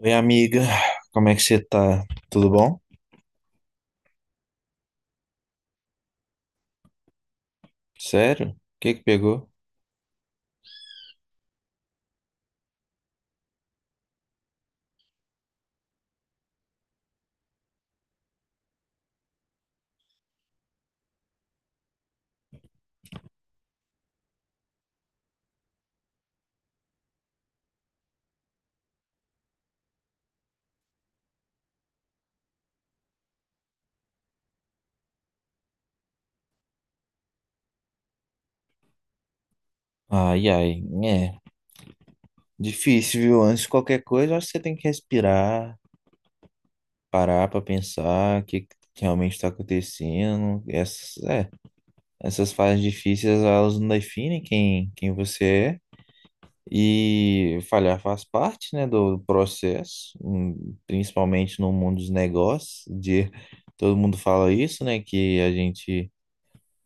Oi, amiga, como é que você tá? Tudo bom? Sério? O que pegou? Ai, ai, é difícil, viu? Antes de qualquer coisa, eu acho que você tem que respirar, parar pra pensar o que realmente tá acontecendo. Essas fases difíceis, elas não definem quem você é. E falhar faz parte, né, do processo, principalmente no mundo dos negócios, de todo mundo fala isso, né, que a gente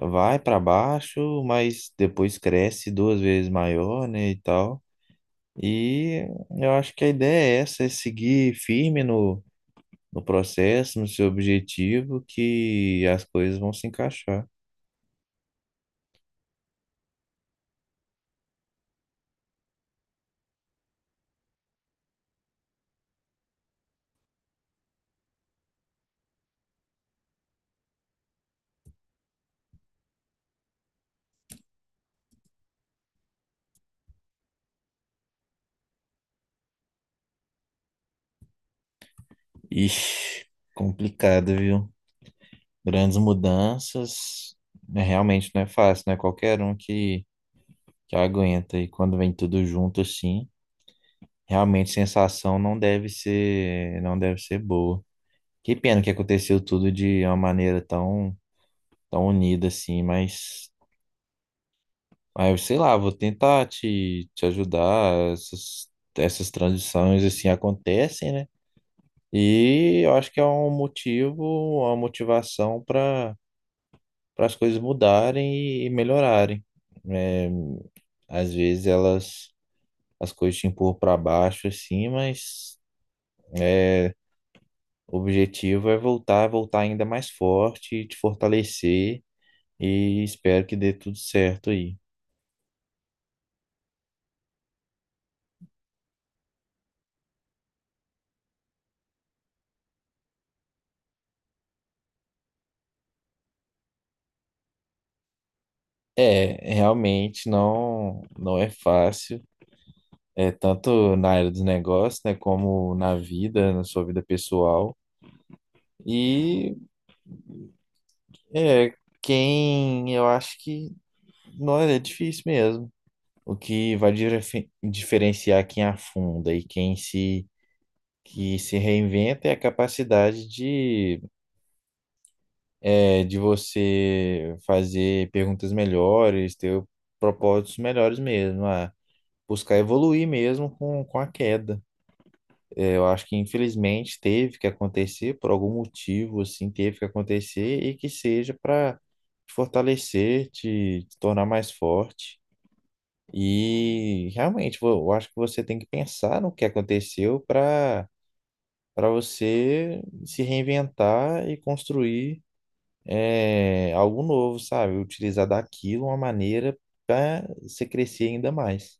vai para baixo, mas depois cresce duas vezes maior, né, e tal. E eu acho que a ideia é essa, é seguir firme no processo, no seu objetivo, que as coisas vão se encaixar. Ixi, complicado, viu? Grandes mudanças, né, realmente não é fácil, não é qualquer um que aguenta. E quando vem tudo junto assim, realmente a sensação não deve ser boa. Que pena que aconteceu tudo de uma maneira tão, tão unida assim, mas ah, eu sei lá, vou tentar te ajudar. Essas transições assim acontecem, né? E eu acho que é um motivo, uma motivação para as coisas mudarem e melhorarem. É, às vezes elas as coisas te empurram para baixo assim, mas é, o objetivo é voltar, voltar ainda mais forte, te fortalecer e espero que dê tudo certo aí. É, realmente não é fácil, é tanto na área dos negócios, né, como na vida, na sua vida pessoal. E é quem eu acho que não é difícil mesmo. O que vai diferenciar quem afunda e quem se que se reinventa é a capacidade de você fazer perguntas melhores, ter propósitos melhores mesmo. Ah, buscar evoluir mesmo com a queda. É, eu acho que infelizmente teve que acontecer por algum motivo, assim, teve que acontecer e que seja para te fortalecer, te tornar mais forte. E realmente, eu acho que você tem que pensar no que aconteceu para você se reinventar e construir é, algo novo, sabe? Utilizar daquilo uma maneira para você crescer ainda mais.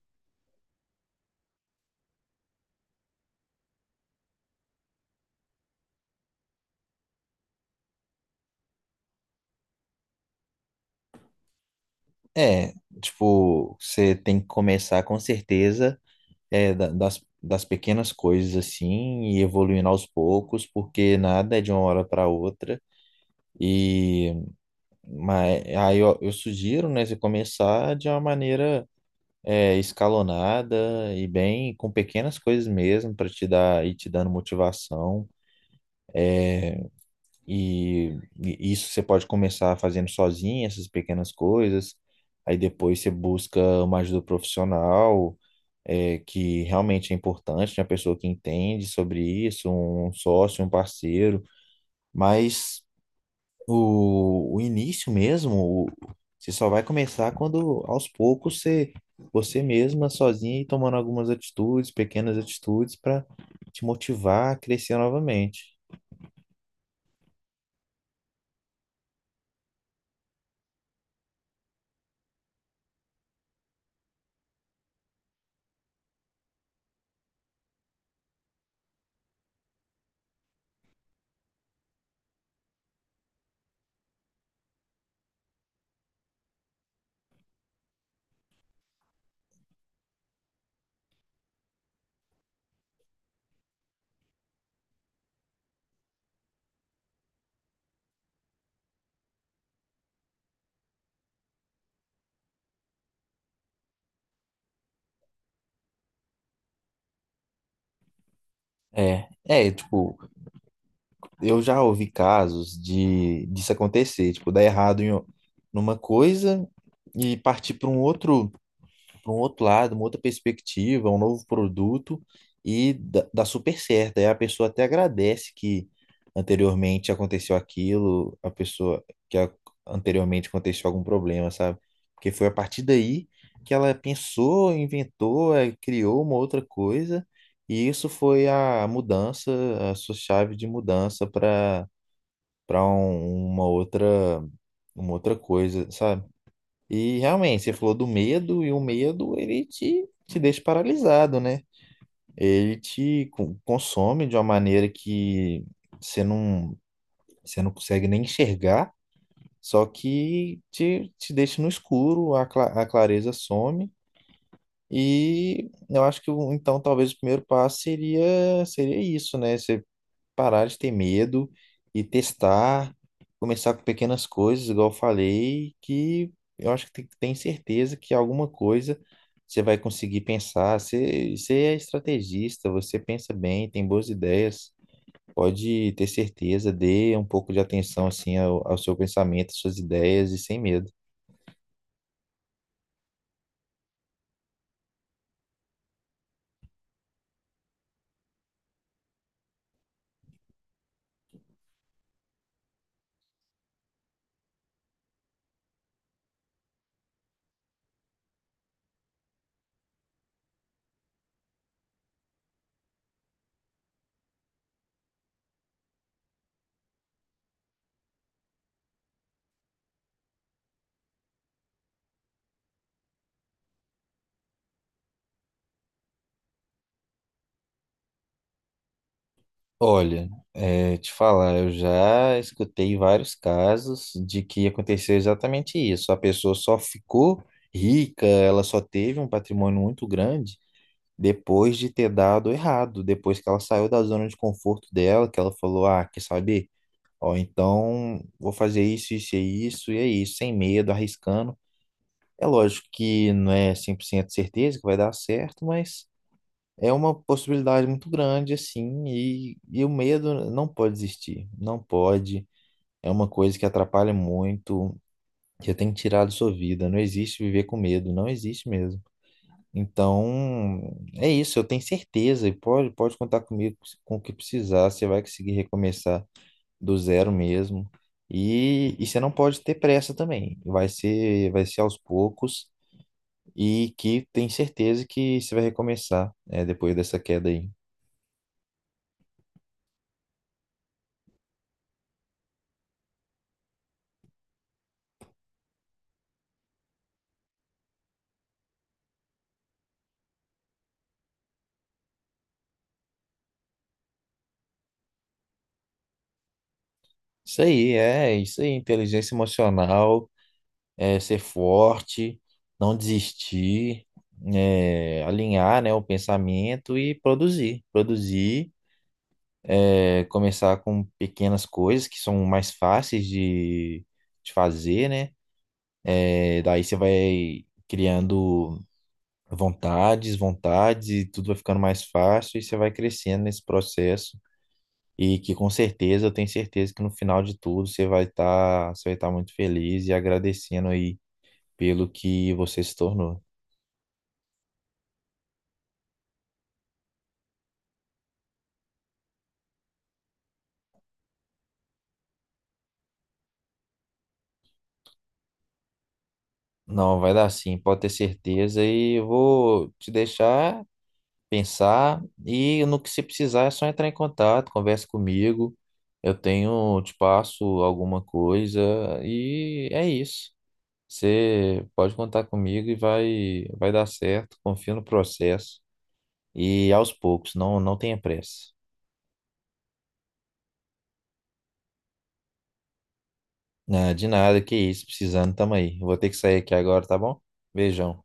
É, tipo, você tem que começar com certeza é, das pequenas coisas assim e evoluindo aos poucos, porque nada é de uma hora para outra. E mas, aí eu sugiro, né, você começar de uma maneira é, escalonada e bem com pequenas coisas mesmo para te dar e te dando motivação. E isso você pode começar fazendo sozinho, essas pequenas coisas. Aí depois você busca uma ajuda profissional, é, que realmente é importante, uma pessoa que entende sobre isso, um sócio, um parceiro. Mas o início mesmo, você só vai começar quando aos poucos você mesma, sozinha, ir tomando algumas atitudes, pequenas atitudes, para te motivar a crescer novamente. Tipo, eu já ouvi casos de disso acontecer, tipo, dar errado numa coisa e partir para um outro lado, uma outra perspectiva, um novo produto e dá super certo. Aí a pessoa até agradece que anteriormente aconteceu aquilo, a pessoa que a- anteriormente aconteceu algum problema, sabe? Porque foi a partir daí que ela pensou, inventou, criou uma outra coisa e isso foi a mudança, a sua chave de mudança para uma outra coisa, sabe? E realmente, você falou do medo, e o medo ele te deixa paralisado, né? Ele te consome de uma maneira que você não, você não consegue nem enxergar, só que te deixa no escuro, a clareza some. E eu acho que então talvez o primeiro passo seria isso, né? Você parar de ter medo e testar, começar com pequenas coisas, igual eu falei, que eu acho que tem certeza que alguma coisa você vai conseguir pensar. Você é estrategista, você pensa bem, tem boas ideias. Pode ter certeza, dê um pouco de atenção assim ao seu pensamento, às suas ideias e sem medo. Olha, é, te falar, eu já escutei vários casos de que aconteceu exatamente isso. A pessoa só ficou rica, ela só teve um patrimônio muito grande depois de ter dado errado, depois que ela saiu da zona de conforto dela, que ela falou, ah, quer saber? Ó, então vou fazer isso, isso e isso, e é isso, sem medo, arriscando. É lógico que não é 100% certeza que vai dar certo, mas é uma possibilidade muito grande, assim, e o medo não pode existir, não pode. É uma coisa que atrapalha muito, que tem que tirar da sua vida. Não existe viver com medo, não existe mesmo. Então, é isso, eu tenho certeza, e pode contar comigo com o que precisar, você vai conseguir recomeçar do zero mesmo. E você não pode ter pressa também, vai ser aos poucos, e que tem certeza que você vai recomeçar, é, depois dessa queda aí. Isso aí, é isso aí, inteligência emocional, é ser forte, não desistir, é, alinhar, né, o pensamento e produzir, produzir, é, começar com pequenas coisas que são mais fáceis de fazer, né? É, daí você vai criando vontades, vontades e tudo vai ficando mais fácil e você vai crescendo nesse processo. E que com certeza, eu tenho certeza que no final de tudo você vai estar muito feliz e agradecendo aí pelo que você se tornou. Não, vai dar sim, pode ter certeza e eu vou te deixar pensar e no que você precisar é só entrar em contato, conversa comigo. Eu tenho, te passo alguma coisa e é isso. Você pode contar comigo e vai dar certo, confia no processo e aos poucos, não tenha pressa. Ah, de nada, que isso, precisando, tamo aí. Eu vou ter que sair aqui agora, tá bom? Beijão.